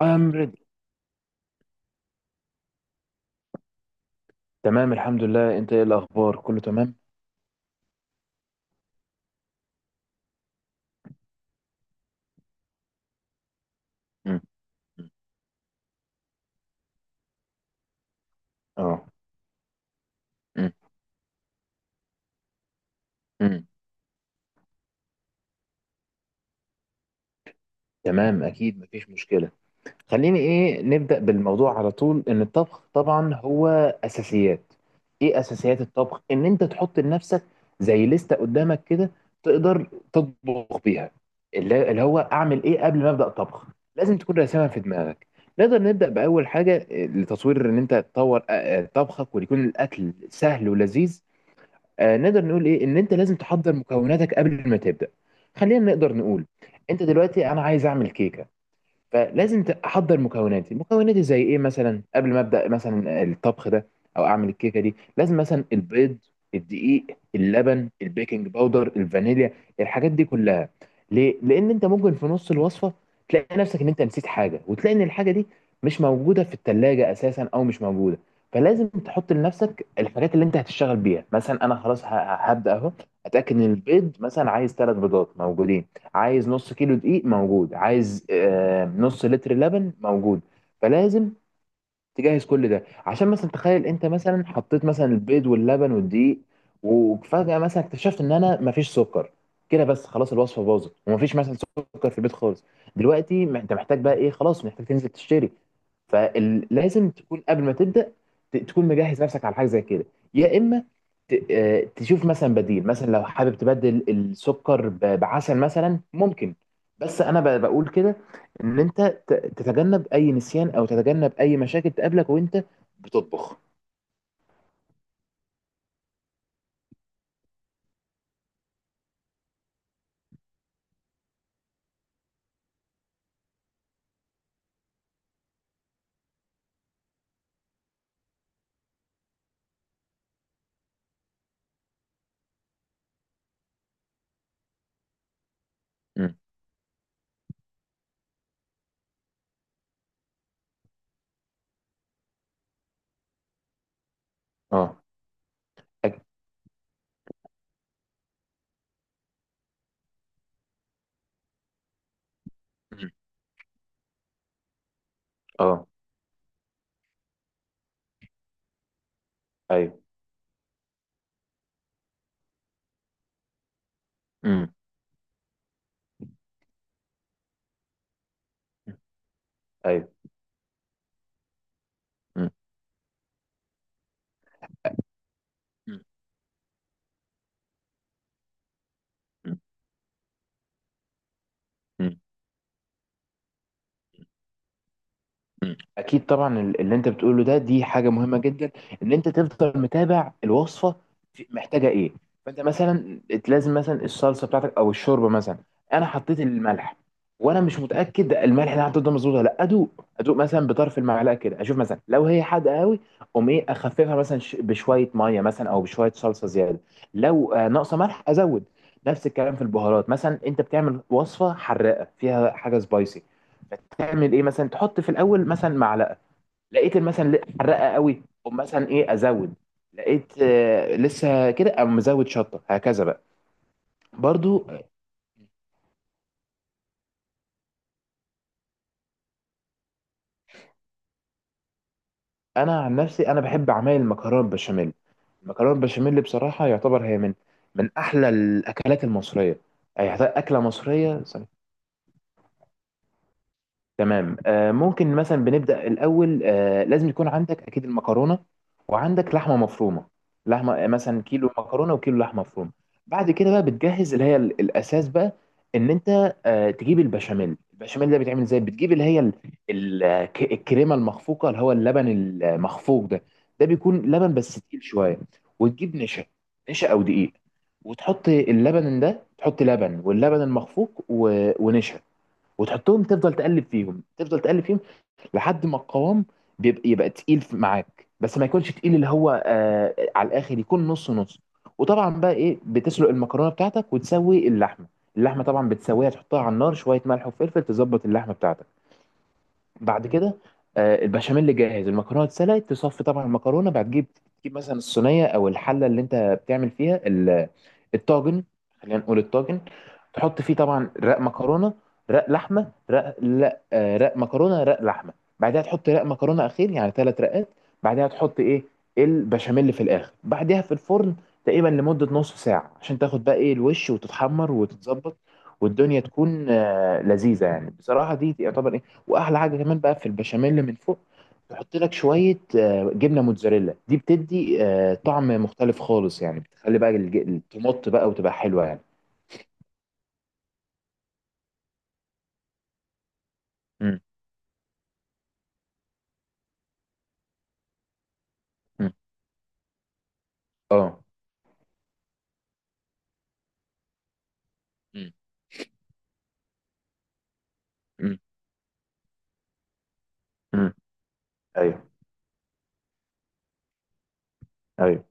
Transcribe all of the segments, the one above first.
I'm ready. تمام الحمد لله، انت ايه الاخبار؟ كله تمام. مم. مم. اه. مم. مم. تمام، اكيد مفيش مشكله. خليني ايه نبدا بالموضوع على طول، ان الطبخ طبعا هو اساسيات. ايه اساسيات الطبخ؟ ان انت تحط لنفسك زي لستة قدامك كده، تقدر تطبخ بيها. اللي هو اعمل ايه قبل ما ابدا طبخ، لازم تكون راسمها في دماغك. نقدر نبدا باول حاجه لتطوير، ان انت تطور اه، طبخك ويكون الاكل سهل ولذيذ. نقدر نقول ايه ان انت لازم تحضر مكوناتك قبل ما تبدا. خلينا نقدر نقول انت دلوقتي انا عايز اعمل كيكه، فلازم احضر مكوناتي زي ايه مثلا قبل ما ابدا مثلا الطبخ ده، او اعمل الكيكه دي. لازم مثلا البيض، الدقيق، اللبن، البيكنج باودر، الفانيليا، الحاجات دي كلها. ليه؟ لان انت ممكن في نص الوصفه تلاقي نفسك ان انت نسيت حاجه، وتلاقي ان الحاجه دي مش موجوده في التلاجة اساسا، او مش موجوده. فلازم تحط لنفسك الحاجات اللي انت هتشتغل بيها. مثلا انا خلاص هبدا اهو، اتاكد ان البيض مثلا عايز ثلاث بيضات موجودين، عايز نص كيلو دقيق موجود، عايز نص لتر لبن موجود. فلازم تجهز كل ده، عشان مثلا تخيل انت مثلا حطيت مثلا البيض واللبن والدقيق، وفجأة مثلا اكتشفت ان انا مفيش سكر. كده بس خلاص الوصفة باظت ومفيش مثلا سكر في البيت خالص. دلوقتي ما انت محتاج بقى ايه؟ خلاص محتاج تنزل تشتري. فلازم تكون قبل ما تبدأ تكون مجهز نفسك على حاجة زي كده. يا اما تشوف مثلا بديل، مثلا لو حابب تبدل السكر بعسل مثلا ممكن. بس انا بقول كده ان انت تتجنب اي نسيان، او تتجنب اي مشاكل تقابلك وانت بتطبخ. مم. اه. أك- مم. اه. ايوه. مم. ايوه. مم. مم. مم. مم. مم. اكيد طبعا، اللي انت بتقوله ده دي حاجه مهمه جدا. ان انت تفضل متابع الوصفه محتاجه ايه. فانت مثلا لازم مثلا الصلصه بتاعتك او الشوربه مثلا، انا حطيت الملح وانا مش متاكد الملح اللي أنا حطيته ده مظبوط ولا لا، ادوق ادوق مثلا بطرف المعلقه كده، اشوف مثلا لو هي حادقه قوي اقوم ايه اخففها مثلا بشويه ميه مثلا، او بشويه صلصه زياده. لو ناقصه ملح ازود. نفس الكلام في البهارات، مثلا انت بتعمل وصفه حراقه فيها حاجه سبايسي، تعمل ايه؟ مثلا تحط في الاول مثلا معلقه، لقيت مثلا حرقه قوي، او مثلا ايه ازود، لقيت لسه كده او مزود شطه هكذا بقى. برضو انا عن نفسي انا بحب اعمل المكرونه بشاميل. المكرونه البشاميل بصراحه يعتبر هي من احلى الاكلات المصريه، يعني يعتبر اكله مصريه. تمام، ممكن مثلا بنبدأ الأول. لازم يكون عندك أكيد المكرونة وعندك لحمة مفرومة. لحمة مثلا كيلو مكرونة وكيلو لحمة مفرومة. بعد كده بقى بتجهز اللي هي الأساس بقى، إن أنت تجيب البشاميل. البشاميل ده بيتعمل إزاي؟ بتجيب اللي هي الكريمة المخفوقة، اللي هو اللبن المخفوق ده، ده بيكون لبن بس تقيل شوية. وتجيب نشا، نشا أو دقيق، وتحط اللبن ده، تحط لبن واللبن المخفوق ونشا، وتحطهم تفضل تقلب فيهم تفضل تقلب فيهم لحد ما القوام بيبقى يبقى تقيل معاك، بس ما يكونش تقيل اللي هو على الاخر، يكون نص نص. وطبعا بقى ايه بتسلق المكرونه بتاعتك وتسوي اللحمه. اللحمه طبعا بتسويها تحطها على النار، شويه ملح وفلفل، تظبط اللحمه بتاعتك. بعد كده البشاميل جاهز، المكرونه اتسلقت، تصفي طبعا المكرونه، بعد تجيب مثلا الصينيه او الحله اللي انت بتعمل فيها الطاجن، خلينا نقول الطاجن. تحط فيه طبعا رق مكرونه رق لحمه، رق لا رق مكرونه رق لحمه، بعدها تحط رق مكرونه اخير، يعني ثلاث رقات. بعدها تحط ايه البشاميل في الاخر، بعدها في الفرن تقريبا لمده نص ساعه، عشان تاخد بقى ايه الوش وتتحمر وتتظبط، والدنيا تكون لذيذه، يعني بصراحه دي يعتبر. واحلى حاجه كمان بقى في البشاميل اللي من فوق، تحط لك شويه جبنه موتزاريلا، دي بتدي طعم مختلف خالص، يعني بتخلي بقى التمط بقى وتبقى حلوه يعني. مم. مم. اه. مم. مم. مم. ايوه. ايوه.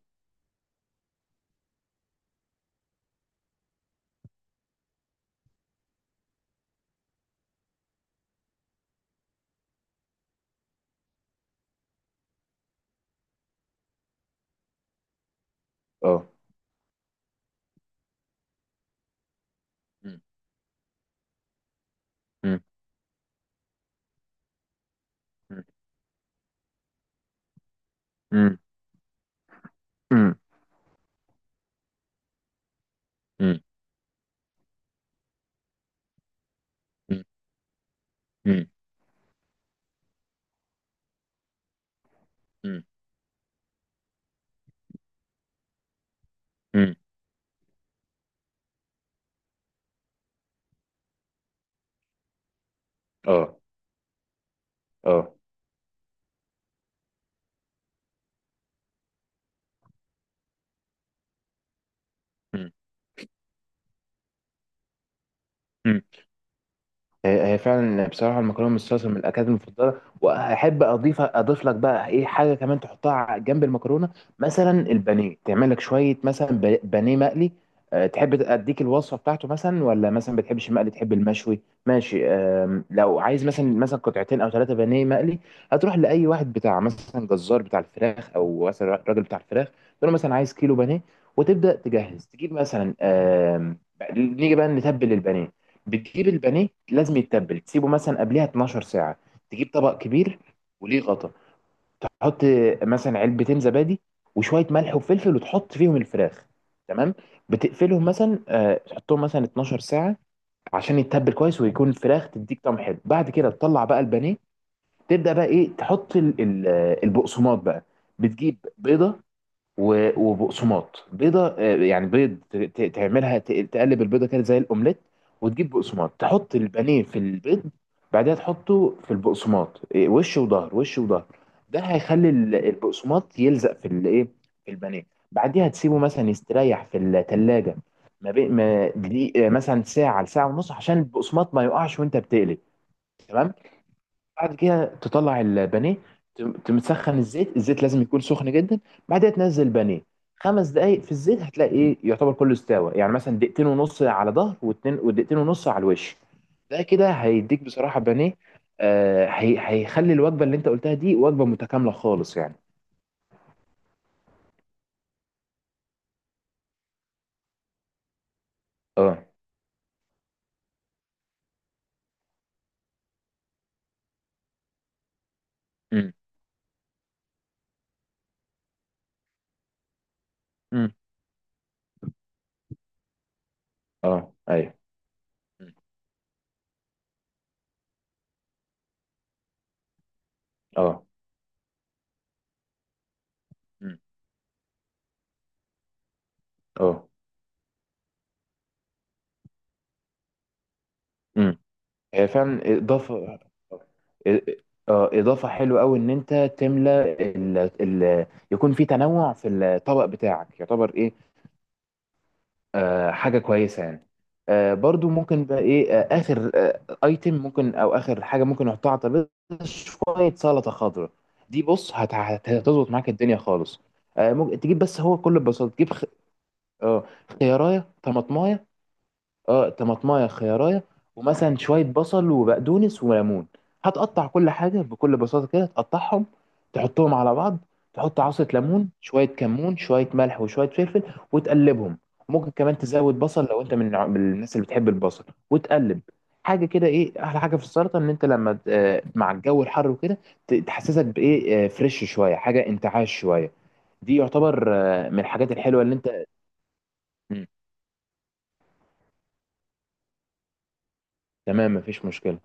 اه. مم. مم. مم. مم. مم. مم. مم. مم. مم. اه. اه. مم. هي هي فعلا بصراحه المكرونه بالصلصه من الاكلات المفضله. واحب اضيف لك بقى ايه حاجه كمان تحطها جنب المكرونه، مثلا البانيه. تعمل لك شويه مثلا بانيه مقلي. تحب اديك الوصفه بتاعته مثلا، ولا مثلا بتحبش المقلي تحب المشوي؟ ماشي. لو عايز مثلا قطعتين او ثلاثه بانيه مقلي، هتروح لاي واحد بتاع مثلا جزار بتاع الفراخ، او مثلا راجل بتاع الفراخ، تقول له مثلا عايز كيلو بانيه. وتبدا تجهز، تجيب مثلا نيجي بقى نتبل البانيه. بتجيب البانيه لازم يتبل، تسيبه مثلا قبلها 12 ساعة. تجيب طبق كبير وليه غطا، تحط مثلا علبتين زبادي وشوية ملح وفلفل، وتحط فيهم الفراخ. تمام. بتقفلهم مثلا، تحطهم مثلا 12 ساعة عشان يتبل كويس، ويكون الفراخ تديك طعم حلو. بعد كده تطلع بقى البانيه، تبدأ بقى ايه تحط البقسماط بقى. بتجيب بيضة وبقسماط. بيضه يعني بيض، تقلب البيضه كده زي الاومليت، وتجيب بقسماط، تحط البانيه في البيض، بعدها تحطه في البقسماط، وش وظهر وش وظهر. ده هيخلي البقسماط يلزق في الايه، في البانيه. بعديها تسيبه مثلا يستريح في الثلاجه ما بين ما دقيق- آه، مثلا ساعه لساعه ونص، عشان البقسماط ما يقعش وانت بتقلي. تمام. بعد كده تطلع البانيه، تمسخن الزيت، الزيت لازم يكون سخن جدا. بعدها تنزل البانيه خمس دقايق في الزيت، هتلاقي ايه يعتبر كله استوى، يعني مثلا دقيقتين ونص على ظهر واتنين، ودقيقتين ونص على الوش. ده كده هيديك بصراحة بانيه. هي هيخلي الوجبة اللي انت قلتها دي وجبة متكاملة خالص يعني. اه. امم. امم. اه. ايوه. مم. اه. امم. اه. امم. هي فعلا اضافه، اضافه حلوه قوي، ان انت تملى ال... يكون في تنوع في الطبق بتاعك، يعتبر ايه حاجه كويسه يعني. برضو ممكن بقى ايه اخر ايتم ممكن، او اخر حاجه ممكن نحطها على الترابيزه، شويه سلطه خضراء. دي بص هتظبط معاك الدنيا خالص. ممكن تجيب، بس هو كل ببساطه تجيب آه خيارية طماطماية. اه، طماطمايه خيارايه، ومثلا شويه بصل وبقدونس وليمون. هتقطع كل حاجه بكل بساطه كده، تقطعهم تحطهم على بعض، تحط عصره ليمون شويه كمون شويه ملح وشويه فلفل وتقلبهم. ممكن كمان تزود بصل لو انت من من الناس اللي بتحب البصل وتقلب. حاجه كده، ايه احلى حاجه في السلطه؟ ان انت لما مع الجو الحر وكده تحسسك بايه فريش شويه، حاجه انتعاش شويه. دي يعتبر من الحاجات الحلوه اللي انت. مم. تمام، مفيش مشكله.